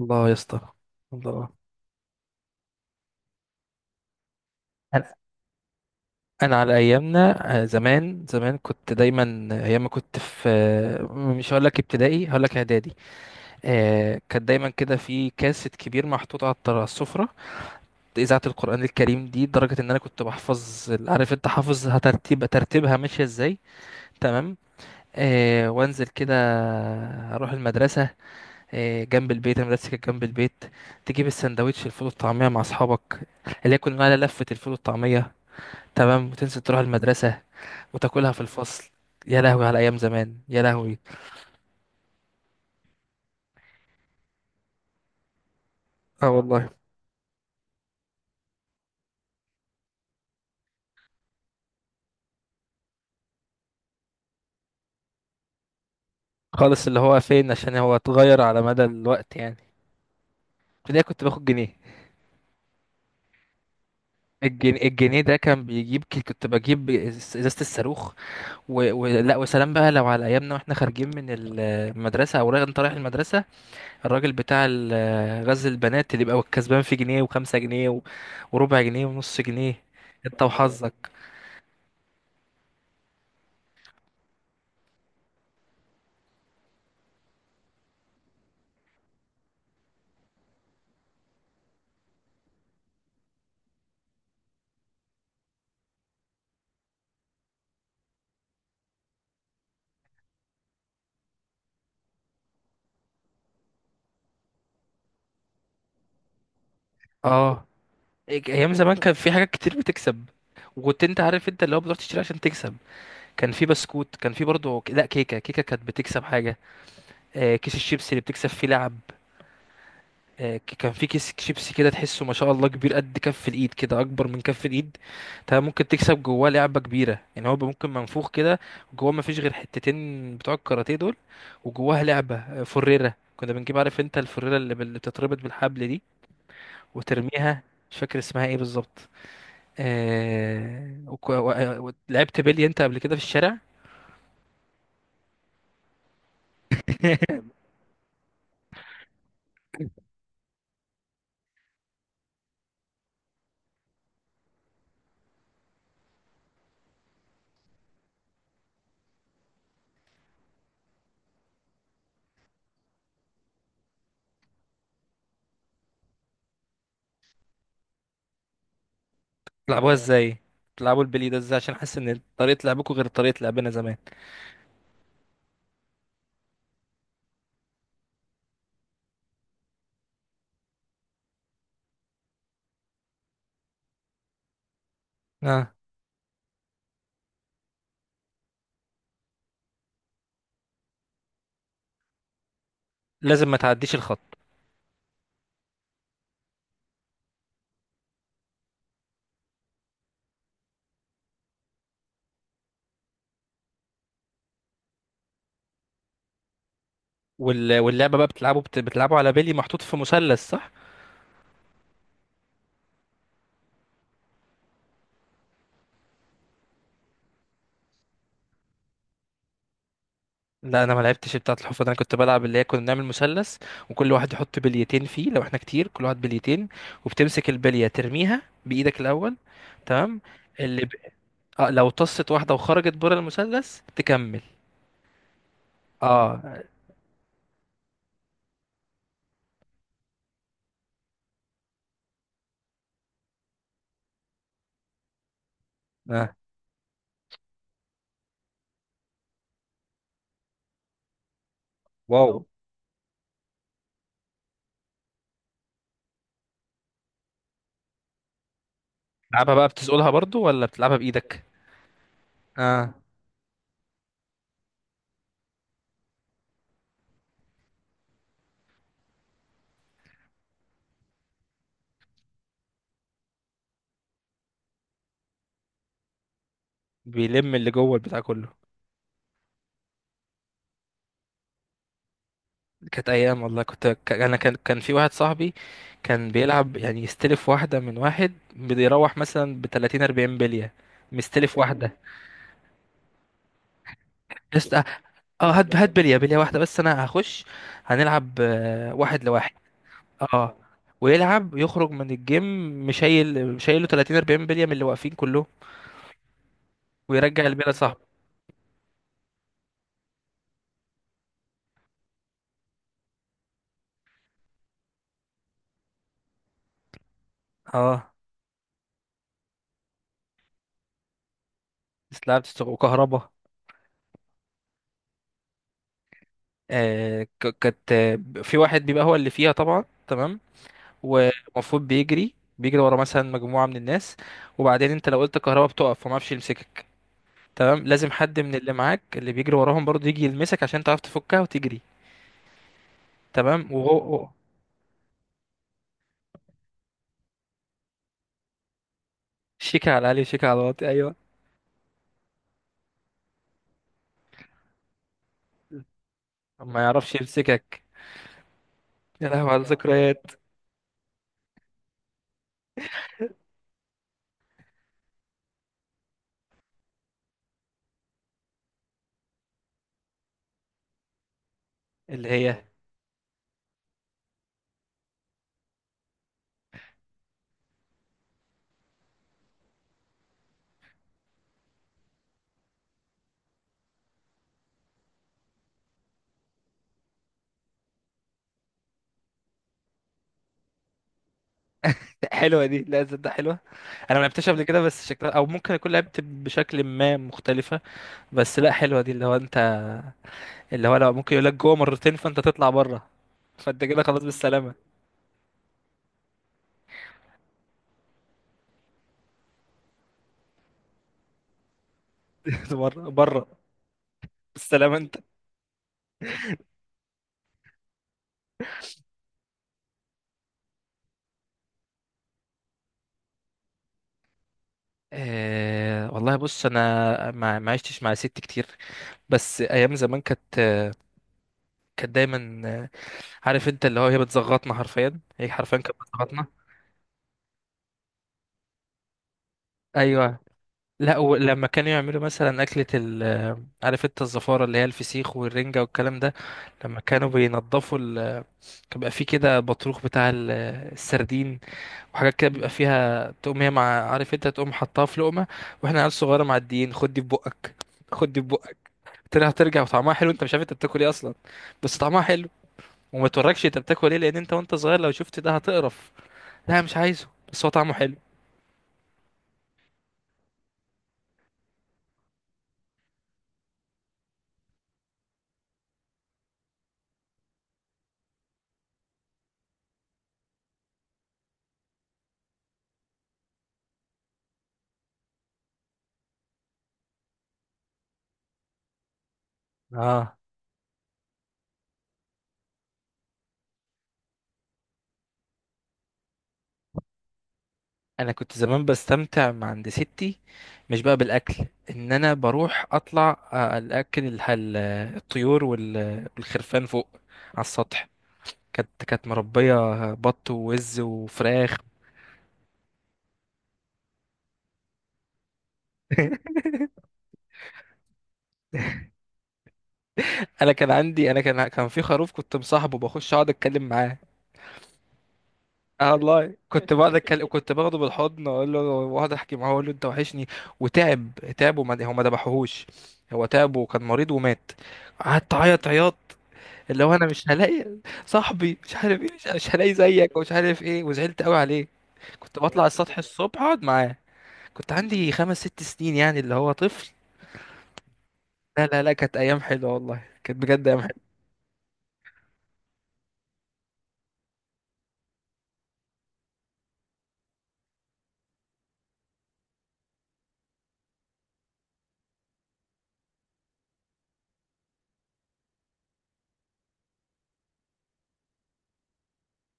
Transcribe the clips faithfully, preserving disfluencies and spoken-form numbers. الله يا اسطى. الله. انا أنا على ايامنا. آه، زمان زمان كنت دايما، آه، ايام ما كنت في آه، مش هقول لك ابتدائي، هقول لك اعدادي. آه، كان دايما كده في كاسيت كبير محطوط على الطر- على السفره. اذاعه القران الكريم دي، لدرجه ان انا كنت بحفظ ال- عارف انت حافظ ترتيب ترتيبها ماشيه ازاي؟ تمام. آه، وانزل كده اروح المدرسه. آه، جنب البيت، المدرسه كانت جنب البيت. تجيب السندوتش الفول والطعميه مع اصحابك، اللي هي كنا بنقول عليها لفه الفول والطعميه. تمام، وتنزل تروح المدرسة وتاكلها في الفصل. يا لهوي على أيام زمان، يا لهوي. اه والله. خالص، اللي هو فين؟ عشان هو اتغير على مدى الوقت يعني. ابتدائي كنت باخد جنيه. الجنيه, الجنيه ده كان بيجيب كنت بجيب ازازة الصاروخ. و... و... لا، وسلام بقى لو على ايامنا واحنا خارجين من المدرسة، او رايح انت رايح المدرسة. الراجل بتاع ال- غزل البنات، اللي بيبقى كسبان في جنيه وخمسة جنيه و... وربع جنيه ونص جنيه. انت وحظك. اه، ايام زمان كان في حاجات كتير بتكسب. وكنت، انت عارف انت اللي هو بتروح تشتري عشان تكسب. كان في بسكوت، كان في برضه، ك- لا، كيكه كيكه كانت بتكسب حاجه. آه، كيس الشيبسي اللي بتكسب فيه لعب. آه، ك- كان في كيس شيبسي كده، تحسه ما شاء الله كبير قد كف الايد، كده اكبر من كف الايد. تمام، ممكن تكسب جواه لعبه كبيره، يعني هو ممكن منفوخ كده. جواه ما فيش غير حتتين بتوع الكاراتيه دول. وجواها لعبه، آه، فريره كنا بنجيب، عارف انت الفريره اللي بال- اللي بتتربط بالحبل دي وترميها. مش فاكر اسمها ايه بالظبط. آه... وك- و- و- لعبت بيلي انت قبل كده في الشارع؟ بتلعبوها ازاي؟ بتلعبوا البيلي ده ازاي؟ عشان حاسس ان طريقه لعبكم غير طريقه لعبنا زمان. اه. لازم ما تعديش الخط. وال... واللعبه بقى، بتلعبوا بت... بتلعبوا على بيلي محطوط في مثلث، صح؟ لا، انا ما لعبتش بتاعه الحفره ده. انا كنت بلعب، اللي هي كنا بنعمل مثلث، وكل واحد يحط بليتين فيه، لو احنا كتير كل واحد بليتين. وبتمسك البليه ترميها بايدك الاول. تمام. اللي ب... آه لو طست واحده وخرجت بره المثلث تكمل. اه. اه، واو. بتلعبها بقى بتسقلها برضو، ولا بتلعبها بايدك؟ اه. بيلم اللي جوه البتاع كله. كانت ايام والله، كنت ك- انا كان كان في واحد صاحبي. كان بيلعب يعني، يستلف واحده من واحد، بيروح مثلا ب تلاتين اربعين بليه، مستلف واحده. يست... اه. آه، هات هات بليه، بليه واحده بس، انا هخش. هنلعب آه، واحد لواحد. اه. ويلعب يخرج من الجيم. مشايل مشايله تلاتين اربعين بليه من اللي واقفين كلهم. ويرجع البليه صاحبه. اه. بس لعبت وكهربا. آه، ك- كانت، آه، في واحد بيبقى هو اللي فيها، طبعا تمام. ومفروض بيجري بيجري ورا مثلا مجموعة من الناس. وبعدين انت لو قلت كهربا بتقف، فما اعرفش يمسكك. تمام، لازم حد من اللي معاك، اللي بيجري وراهم برضه، يجي يلمسك عشان تعرف تفكها وتجري. تمام. وهو هو- شيكة على العالي، وشيكة على الواطي، ايوه. ما يعرفش يمسكك. يا لهوي على الذكريات. اللي هي حلوة دي. لا، ده حلوة. انا ما لعبتهاش قبل كده، بس شكلها، او ممكن اكون لعبت بشكل ما مختلفة. بس لا، حلوة دي، اللي هو انت، اللي هو لو ممكن يقول لك جوه مرتين فانت تطلع بره. فانت كده خلاص، بالسلامه. بره بره. بالسلامه انت. أه والله، بص انا ما ما عشتش مع ست كتير. بس ايام زمان كانت آه، كانت دايما، آه، عارف انت اللي هو، هي بتزغطنا حرفيا، هي حرفيا كانت بتزغطنا. ايوه. لا، ولما كانوا يعملوا مثلا اكله ال آه، عارف انت الزفاره، اللي هي الفسيخ والرنجه والكلام ده. لما كانوا بينضفوا ال... كان بيبقى فيه كده بطروخ بتاع ال- السردين. وحاجات كده بيبقى فيها، تقوم هي مع، عارف انت، تقوم حطها في لقمه. واحنا عيال صغيره معديين، خد دي في بقك، خد دي في بقك. ترى هترجع، وطعمها حلو، انت مش عارف انت بتاكل ايه اصلا، بس طعمها حلو. وما توركش انت بتاكل ايه، لان انت وانت صغير لو شفت ده هتقرف. لا مش عايزه، بس هو طعمه حلو. اه، انا كنت زمان بستمتع مع عند ستي، مش بقى بالاكل. ان انا بروح اطلع آه، الاكل الح- ال- الطيور وال- والخرفان فوق على السطح. كانت كانت مربيه بط ووز وفراخ. انا كان عندي انا كان كان في خروف كنت مصاحبه، بخش اقعد اتكلم معاه. اه والله، كنت بقعد اتكلم، كنت باخده بالحضن، اقول له، واقعد احكي معاه، اقول له انت وحشني. وتعب تعب، وما هو ما ذبحوهوش. هو تعب وكان مريض ومات. قعدت اعيط عياط. اللي هو انا مش هلاقي صاحبي، مش عارف ايه، مش, مش هلاقي زيك، ومش عارف ايه، وزعلت قوي عليه. كنت بطلع السطح الصبح اقعد معاه. كنت عندي خمس ست سنين يعني، اللي هو طفل. لا لا لا، كانت ايام حلوه والله، كانت بجد ايام حلوه.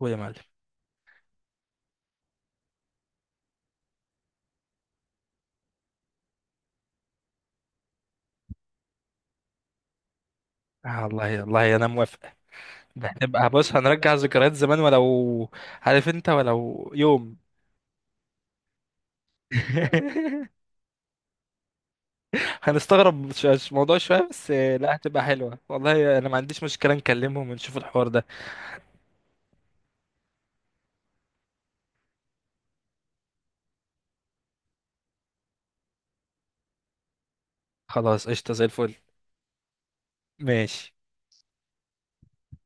ويا معلم. آه والله، والله انا موافق. ده هنبقى، بص هنرجع ذكريات زمان، ولو عارف انت، ولو يوم. هنستغرب ش- ش- موضوع شوية، بس آه، لا هتبقى حلوة والله، انا ما عنديش مشكلة نكلمهم ونشوف الحوار ده. خلاص، قشطة زي الفل. ماشي.